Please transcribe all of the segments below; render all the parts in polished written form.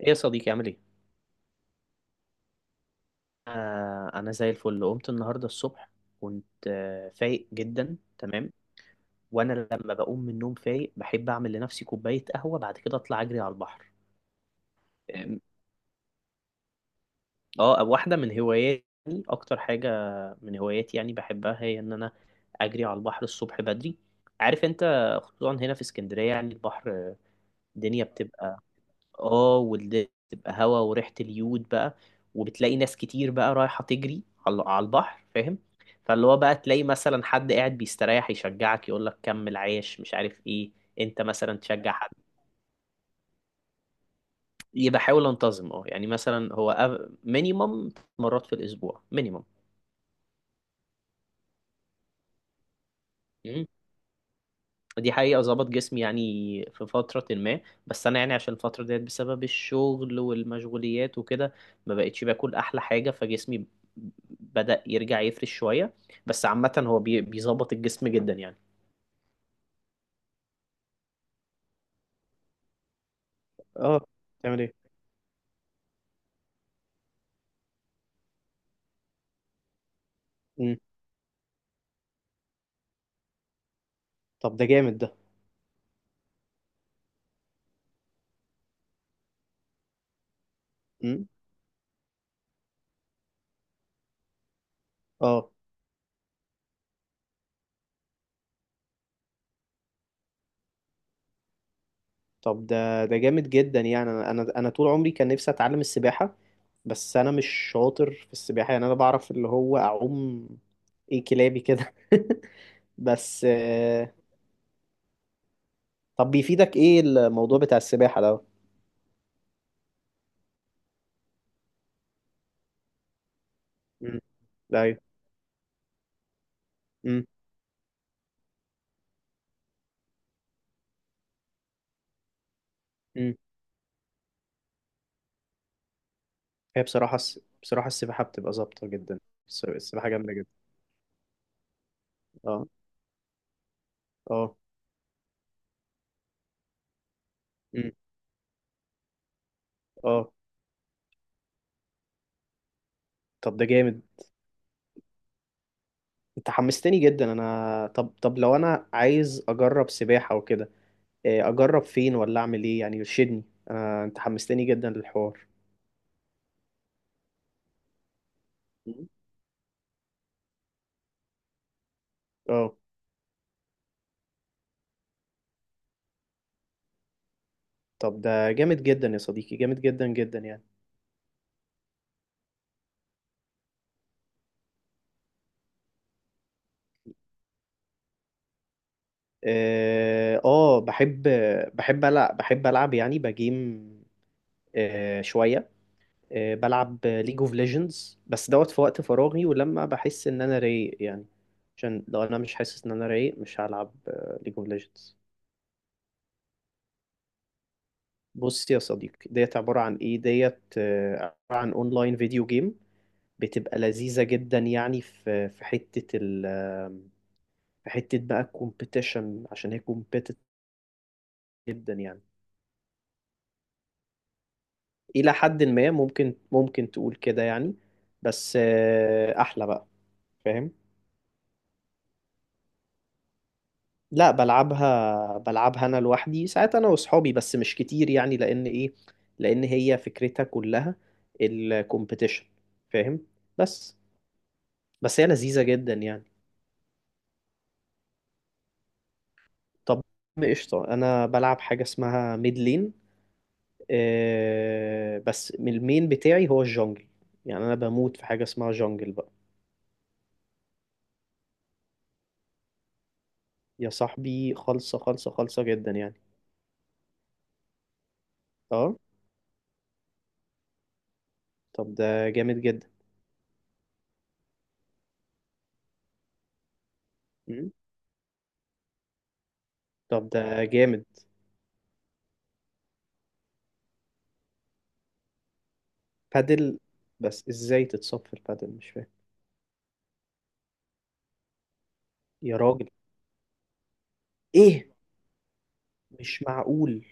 ايه يا صديقي عامل ايه؟ انا زي الفل قمت النهارده الصبح. كنت فايق جدا تمام. وانا لما بقوم من النوم فايق بحب اعمل لنفسي كوبايه قهوه، بعد كده اطلع اجري على البحر. اه. واحده من هواياتي، اكتر حاجه من هواياتي يعني بحبها، هي ان انا اجري على البحر الصبح بدري، عارف انت؟ خصوصا هنا في اسكندريه، يعني البحر الدنيا بتبقى اه، واللي تبقى هوا وريحة اليود بقى. وبتلاقي ناس كتير بقى رايحة تجري على البحر، فاهم؟ فاللي هو بقى تلاقي مثلا حد قاعد بيستريح يشجعك، يقول لك كمل عايش مش عارف ايه. انت مثلا تشجع حد. يبقى حاول انتظم يعني، مثلا هو مينيمم مرات في الاسبوع مينيمم. دي حقيقة ظبط جسمي، يعني في فترة ما، بس أنا يعني عشان الفترة ديت، بسبب الشغل والمشغوليات وكده ما بقتش باكل أحلى حاجة، فجسمي بدأ يرجع يفرش شوية. بس عامة هو بيظبط الجسم جدا يعني. اه. تعمل ايه؟ مم. طب ده جامد ده. مم. اه. طب ده جامد جدا يعني، انا انا أنا طول عمري كان نفسي اتعلم السباحة، بس انا مش شاطر في السباحة. يعني انا بعرف اللي هو اعوم ايه، كلابي كده. بس. طب بيفيدك ايه الموضوع بتاع السباحة ده؟ مم. لا ايوه. مم. مم. هي بصراحه بصراحه السباحه بتبقى ظابطه جدا. السباحه جامده جدا. اه. اه. مم. اه. طب ده جامد، انت حمستني جدا انا، طب لو انا عايز اجرب سباحه وكده، إيه، اجرب فين ولا اعمل ايه يعني، يرشدني. انا انت حمستني جدا للحوار. مم. اه. طب ده جامد جدا يا صديقي، جامد جدا جدا يعني. اه. آه، بحب. بحب العب يعني بجيم، شوية. بلعب ليج اوف ليجندز بس دوت في وقت فراغي، ولما بحس ان انا رايق يعني، عشان لو انا مش حاسس ان انا رايق مش هلعب ليج اوف ليجندز. بص يا صديقي، ديت عبارة عن ايه؟ ديت عبارة عن اونلاين فيديو جيم. بتبقى لذيذة جدا يعني، في حتة ال آه، في حتة بقى الكومبيتيشن، عشان هي كومبيتيتيف جدا يعني. إلى حد ما ممكن تقول كده يعني. بس أحلى بقى. فاهم؟ لا، بلعبها انا لوحدي ساعات، انا واصحابي بس مش كتير يعني، لان ايه، لان هي فكرتها كلها الكومبيتيشن، فاهم؟ بس. بس هي لذيذة جدا يعني. طب قشطة، انا بلعب حاجة اسمها ميد لين. آه، بس من المين بتاعي هو الجونجل، يعني انا بموت في حاجة اسمها جونجل بقى. يا صاحبي خالصة خالصة خالصة جدا يعني. اه. طب ده جامد جدا. مم. طب ده جامد. بادل. بس ازاي تتصفر بادل؟ مش فاهم. يا راجل، ايه؟ مش معقول.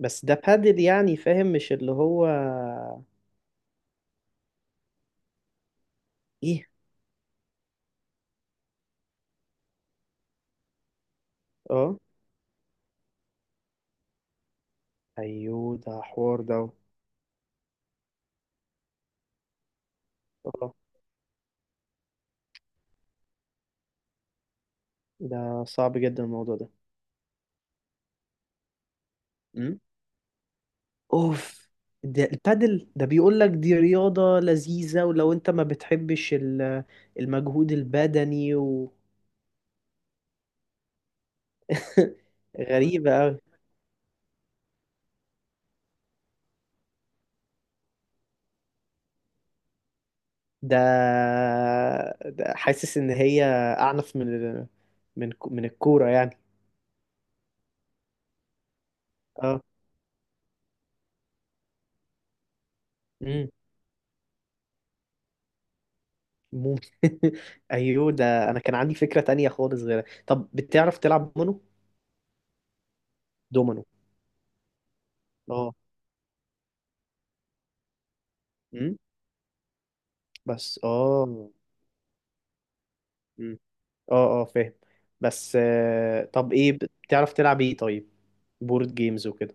بس ده بادل يعني، فاهم؟ مش اللي هو ايه. اه ايوه، ده حوار ده. اه. ده صعب جدا الموضوع ده. امم. اوف. ده البادل ده بيقول لك دي رياضة لذيذة، ولو انت ما بتحبش المجهود البدني و... غريبة أوي. ده... ده حاسس إن هي أعنف من ال... من من الكورة يعني. اه. إمم. ممكن. ايوه ده، انا كان عندي فكرة تانية خالص غيرها. طب بتعرف تلعب دومينو؟ دومينو. اه. امم. بس اه. امم. اه اه، فاهم. بس طب ايه، بتعرف تلعب ايه طيب؟ بورد جيمز وكده.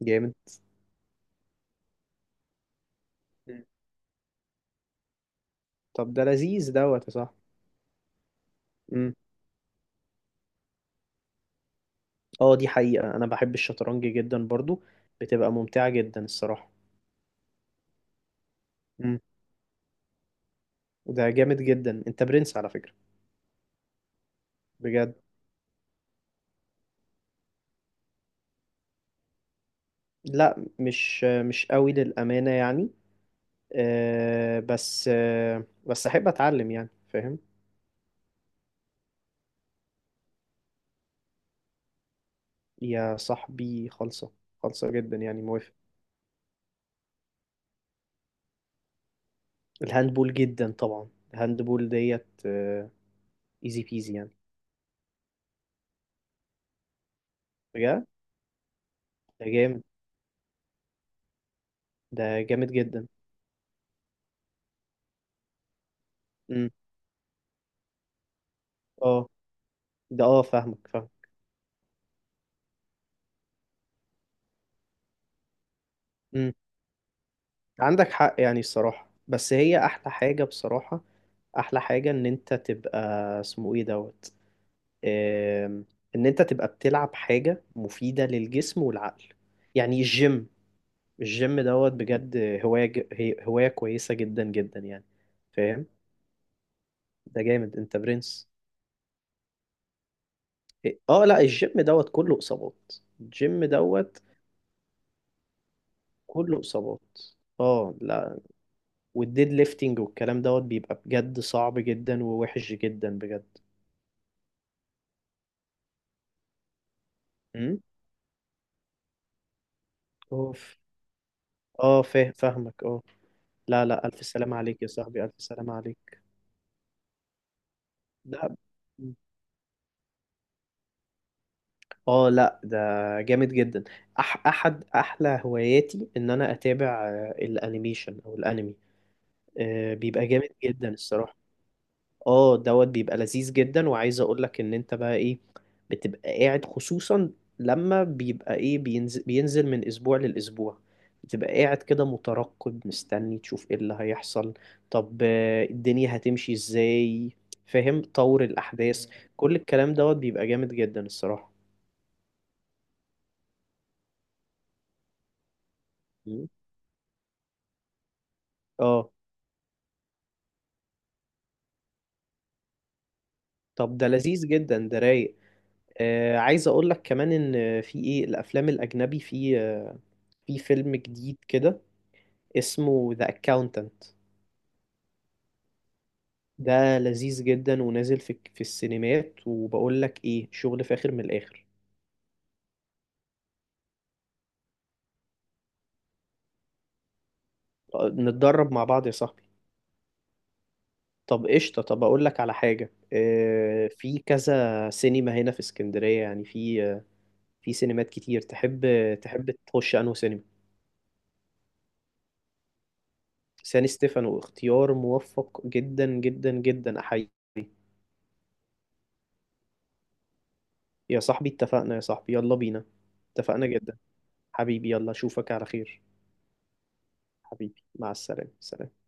جامد. مم. طب ده لذيذ دوت يا صاحبي. امم. اه، دي حقيقة انا بحب الشطرنج جدا برضو. بتبقى ممتعة جدا الصراحة. امم. ده جامد جدا، انت برنس على فكرة. بجد. لا، مش قوي للأمانة يعني. بس احب اتعلم يعني، فاهم؟ يا صاحبي خالصة، خالصة جدا يعني، موافق. الهاندبول جدا طبعا، الهاندبول ديت ايزي بيزي يعني. بجد. ده جامد. ده جامد جدا. امم. اه. ده اه فاهمك، فاهم. امم. عندك حق يعني الصراحة، بس هي احلى حاجة بصراحة. احلى حاجة ان انت تبقى، اسمه ايه دوت، آم، ان انت تبقى بتلعب حاجة مفيدة للجسم والعقل، يعني الجيم. الجيم دوت بجد هواية، هي هواية كويسة جدا جدا يعني. فاهم؟ ده جامد، انت برنس. إيه، اه، لا الجيم دوت كله اصابات. الجيم دوت كله اصابات. اه لا، والديد ليفتنج والكلام دوت بيبقى بجد صعب جدا ووحش جدا بجد. امم. اوف. اه فاهم، فاهمك، اه. لا لا، الف سلامة عليك يا صاحبي، الف سلامة عليك. لا. اه لا، ده جامد جدا. احد احلى هواياتي ان انا اتابع الانيميشن او الانمي. بيبقى جامد جدا الصراحه. اه دوت بيبقى لذيذ جدا، وعايز اقول لك ان انت بقى ايه، بتبقى قاعد خصوصا لما بيبقى ايه بينزل من اسبوع للاسبوع، بتبقى قاعد كده مترقب مستني تشوف ايه اللي هيحصل، طب الدنيا هتمشي ازاي، فاهم طور الاحداث. كل الكلام دوت بيبقى جامد جدا الصراحه. مم. اه. طب ده لذيذ جدا ده، رايق. آه، عايز اقول لك كمان ان في ايه، الافلام الاجنبي، في فيلم جديد كده اسمه ذا اكاونتنت، ده لذيذ جدا ونازل في في السينمات، وبقول لك ايه، شغل فاخر من الاخر. نتدرب مع بعض يا صاحبي. طب قشطة، طب اقول لك على حاجة، في كذا سينما هنا في اسكندرية يعني، في في سينمات كتير تحب تخش انه سينما. سان ستيفانو، اختيار موفق جدا جدا جدا، احيي. يا صاحبي اتفقنا، يا صاحبي يلا بينا. اتفقنا جدا. حبيبي، يلا اشوفك على خير. حبيبي، مع السلامة، سلام.